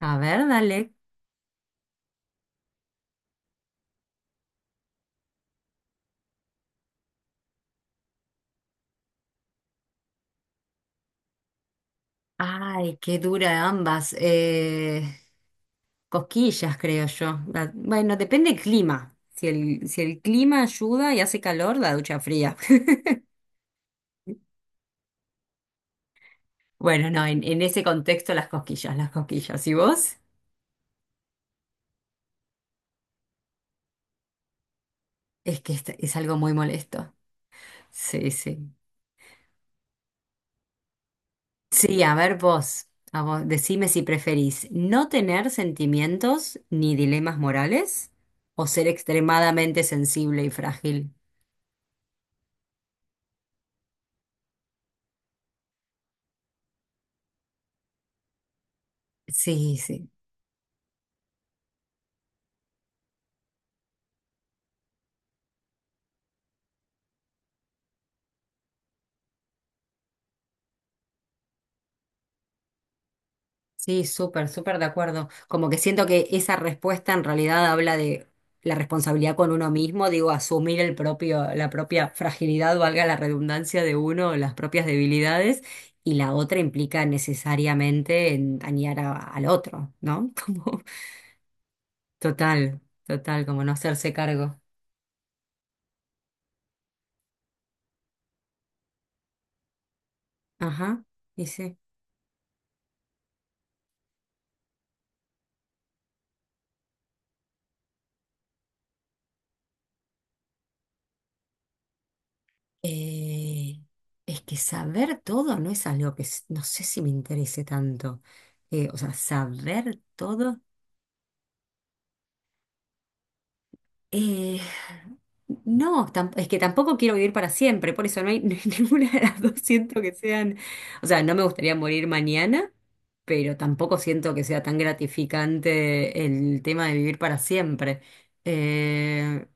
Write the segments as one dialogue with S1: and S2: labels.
S1: A ver, dale. Ay, qué dura ambas. Cosquillas, creo yo. La- bueno, depende del clima. Si el clima ayuda y hace calor, la ducha fría. Bueno, no, en ese contexto las cosquillas, las cosquillas. ¿Y vos? Es que esta- es, algo muy molesto. Sí, sí. Sí, a ver vos, a vos, decime si preferís no tener sentimientos ni dilemas morales o ser extremadamente sensible y frágil. Sí, sí. Sí, súper, súper de acuerdo. Como que siento que esa respuesta en realidad habla de la responsabilidad con uno mismo, digo, asumir el propio, la propia fragilidad, valga la redundancia de uno, las propias debilidades, y la otra implica necesariamente en dañar a- al otro, ¿no? Como, total, total, como no hacerse cargo. Ajá, y sí. Eh, es que saber todo no es algo que s- no sé si me interese tanto. O sea, saber todo. Eh, no, tam- es que tampoco quiero vivir para siempre, por eso no hay, ninguna de las dos siento que sean, o sea, no me gustaría morir mañana, pero tampoco siento que sea tan gratificante el tema de vivir para siempre. Eh,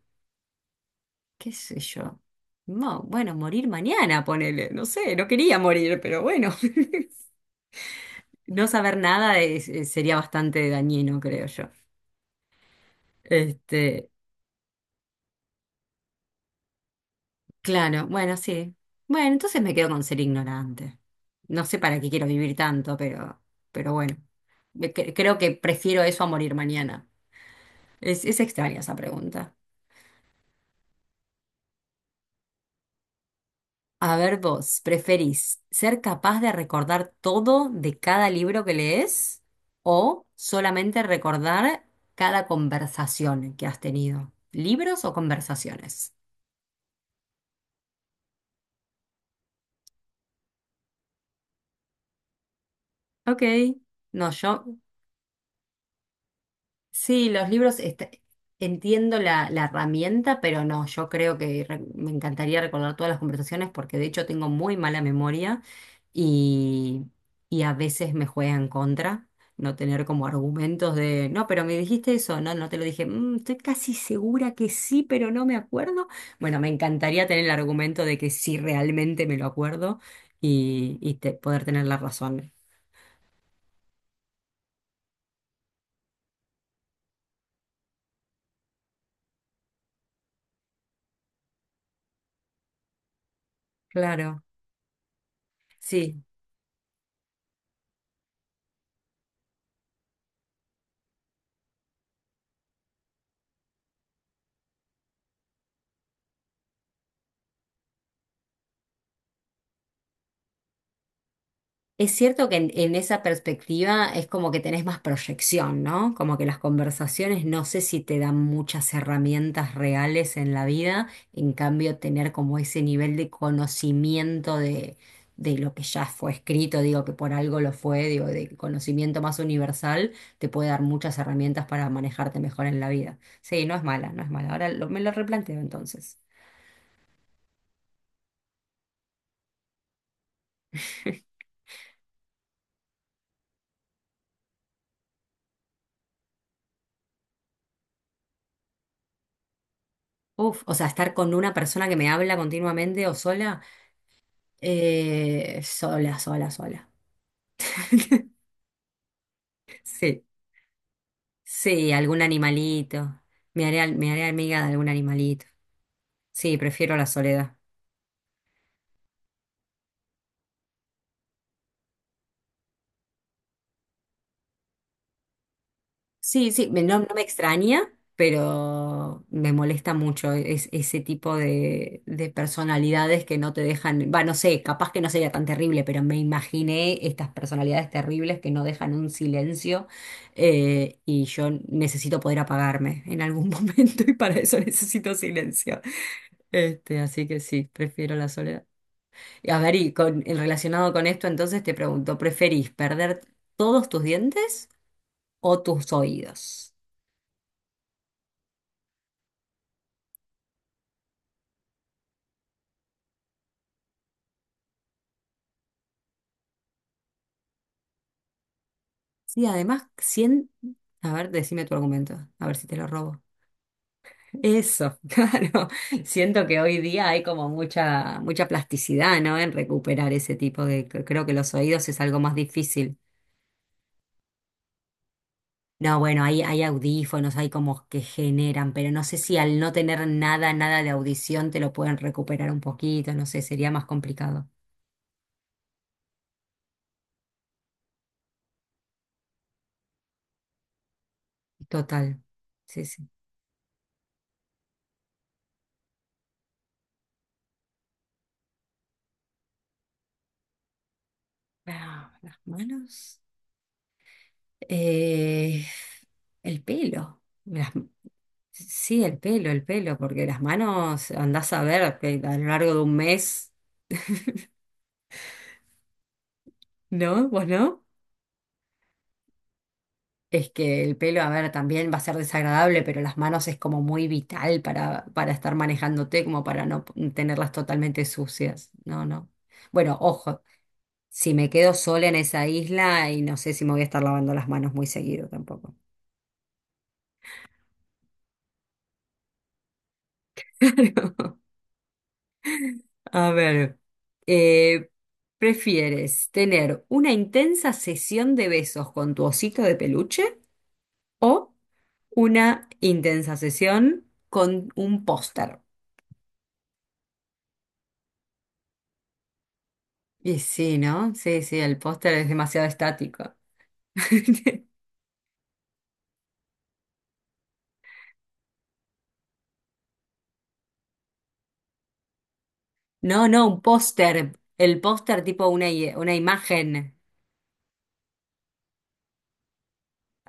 S1: ¿Qué sé yo? No, bueno, morir mañana, ponele, no sé, no quería morir, pero bueno, no saber nada sería bastante dañino, creo yo. Este, Claro, bueno, sí. Bueno, entonces me quedo con ser ignorante. No sé para qué quiero vivir tanto, pero bueno, creo que prefiero eso a morir mañana. Es extraña esa pregunta. A ver, vos, ¿preferís ser capaz de recordar todo de cada libro que lees o solamente recordar cada conversación que has tenido? ¿Libros o conversaciones? Ok, no, yo sí, los libros, est- entiendo la, la herramienta, pero no, yo creo que re- me encantaría recordar todas las conversaciones porque de hecho tengo muy mala memoria y, y a veces me juega en contra no tener como argumentos de, no, pero me dijiste eso, no, no te lo dije, "Mm, estoy casi segura que sí, pero no me acuerdo". Bueno, me encantaría tener el argumento de que sí realmente me lo acuerdo y te- poder tener la razón. Claro, sí. Es cierto que en esa perspectiva es como que tenés más proyección, ¿no? Como que las conversaciones no sé si te dan muchas herramientas reales en la vida, en cambio tener como ese nivel de conocimiento de lo que ya fue escrito, digo que por algo lo fue, digo, de conocimiento más universal, te puede dar muchas herramientas para manejarte mejor en la vida. Sí, no es mala, no es mala. Ahora lo- me lo replanteo entonces. Uf, o sea, estar con una persona que me habla continuamente o sola. Sola, sola, sola. Sí. Sí, algún animalito. Me haré, al- me haré amiga de algún animalito. Sí, prefiero la soledad. Sí, sí, me- no, no me extraña, pero me molesta mucho es- ese tipo de personalidades que no te dejan. Va, no sé, capaz que no sería tan terrible, pero me imaginé estas personalidades terribles que no dejan un silencio, y yo necesito poder apagarme en algún momento y para eso necesito silencio. Así que sí, prefiero la soledad. Y a ver, y con, y relacionado con esto, entonces te pregunto, ¿preferís perder todos tus dientes o tus oídos? Sí, además, 100... A ver, decime tu argumento, a ver si te lo robo. Eso, claro. Siento que hoy día hay como mucha, mucha plasticidad, ¿no? En recuperar ese tipo de... Creo que los oídos es algo más difícil. No, bueno, hay audífonos, hay como que generan, pero no sé si al no tener nada, nada de audición te lo pueden recuperar un poquito, no sé, sería más complicado. Total. Sí, sí. Ah, las manos. Eh, el pelo. Las- sí, el pelo, porque las manos andás a ver que a lo largo de un mes, ¿no? ¿Vos no? Es que el pelo, a ver, también va a ser desagradable, pero las manos es como muy vital para estar manejándote, como para no p- tenerlas totalmente sucias. No, no. Bueno, ojo, si me quedo sola en esa isla y no sé si me voy a estar lavando las manos muy seguido tampoco. A ver, eh, ¿prefieres tener una intensa sesión de besos con tu osito de peluche o una intensa sesión con un póster? Y sí, ¿no? Sí, sí, el póster es demasiado estático. No, no, un póster. El póster tipo una, i- una imagen.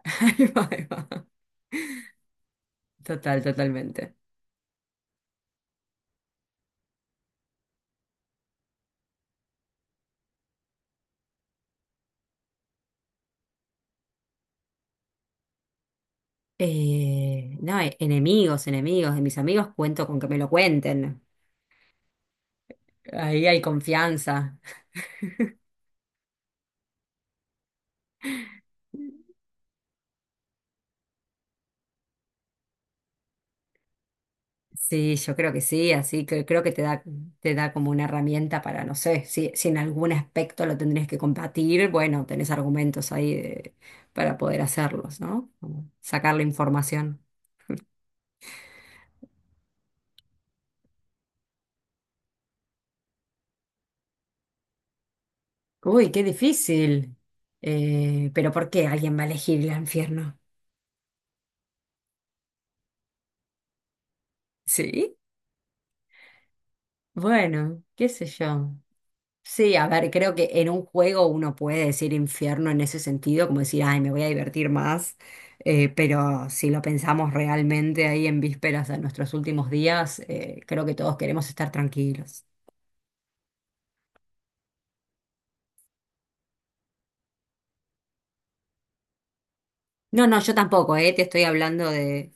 S1: Ahí va, ahí va. Total, totalmente. No, e- enemigos, enemigos. De mis amigos cuento con que me lo cuenten. Ahí hay confianza. Sí, yo creo que sí, así que creo que te da como una herramienta para, no sé, si, si en algún aspecto lo tendrías que combatir, bueno, tenés argumentos ahí de- para poder hacerlos, ¿no? Como sacar la información. Uy, qué difícil. Pero ¿por qué alguien va a elegir el infierno? Sí, bueno, qué sé yo. Sí, a ver, creo que en un juego uno puede decir infierno en ese sentido, como decir, ay, me voy a divertir más, pero si lo pensamos realmente ahí en vísperas a nuestros últimos días, creo que todos queremos estar tranquilos. No, no, yo tampoco, te estoy hablando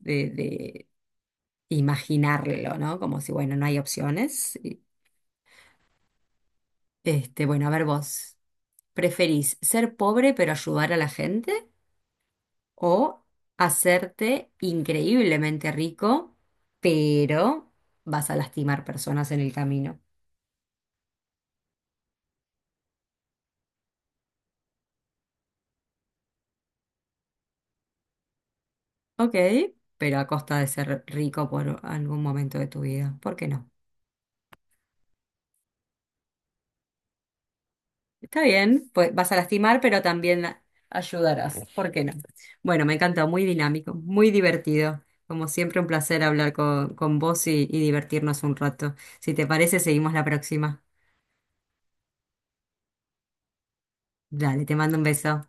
S1: de imaginarlo, ¿no? Como si, bueno, no hay opciones. Y- bueno, a ver vos, ¿preferís ser pobre pero ayudar a la gente? O hacerte increíblemente rico, pero vas a lastimar personas en el camino. Ok, pero a costa de ser rico por algún momento de tu vida. ¿Por qué no? Está bien, pues vas a lastimar, pero también ayudarás. ¿Por qué no? Bueno, me encanta, muy dinámico, muy divertido. Como siempre, un placer hablar con vos y divertirnos un rato. Si te parece, seguimos la próxima. Dale, te mando un beso.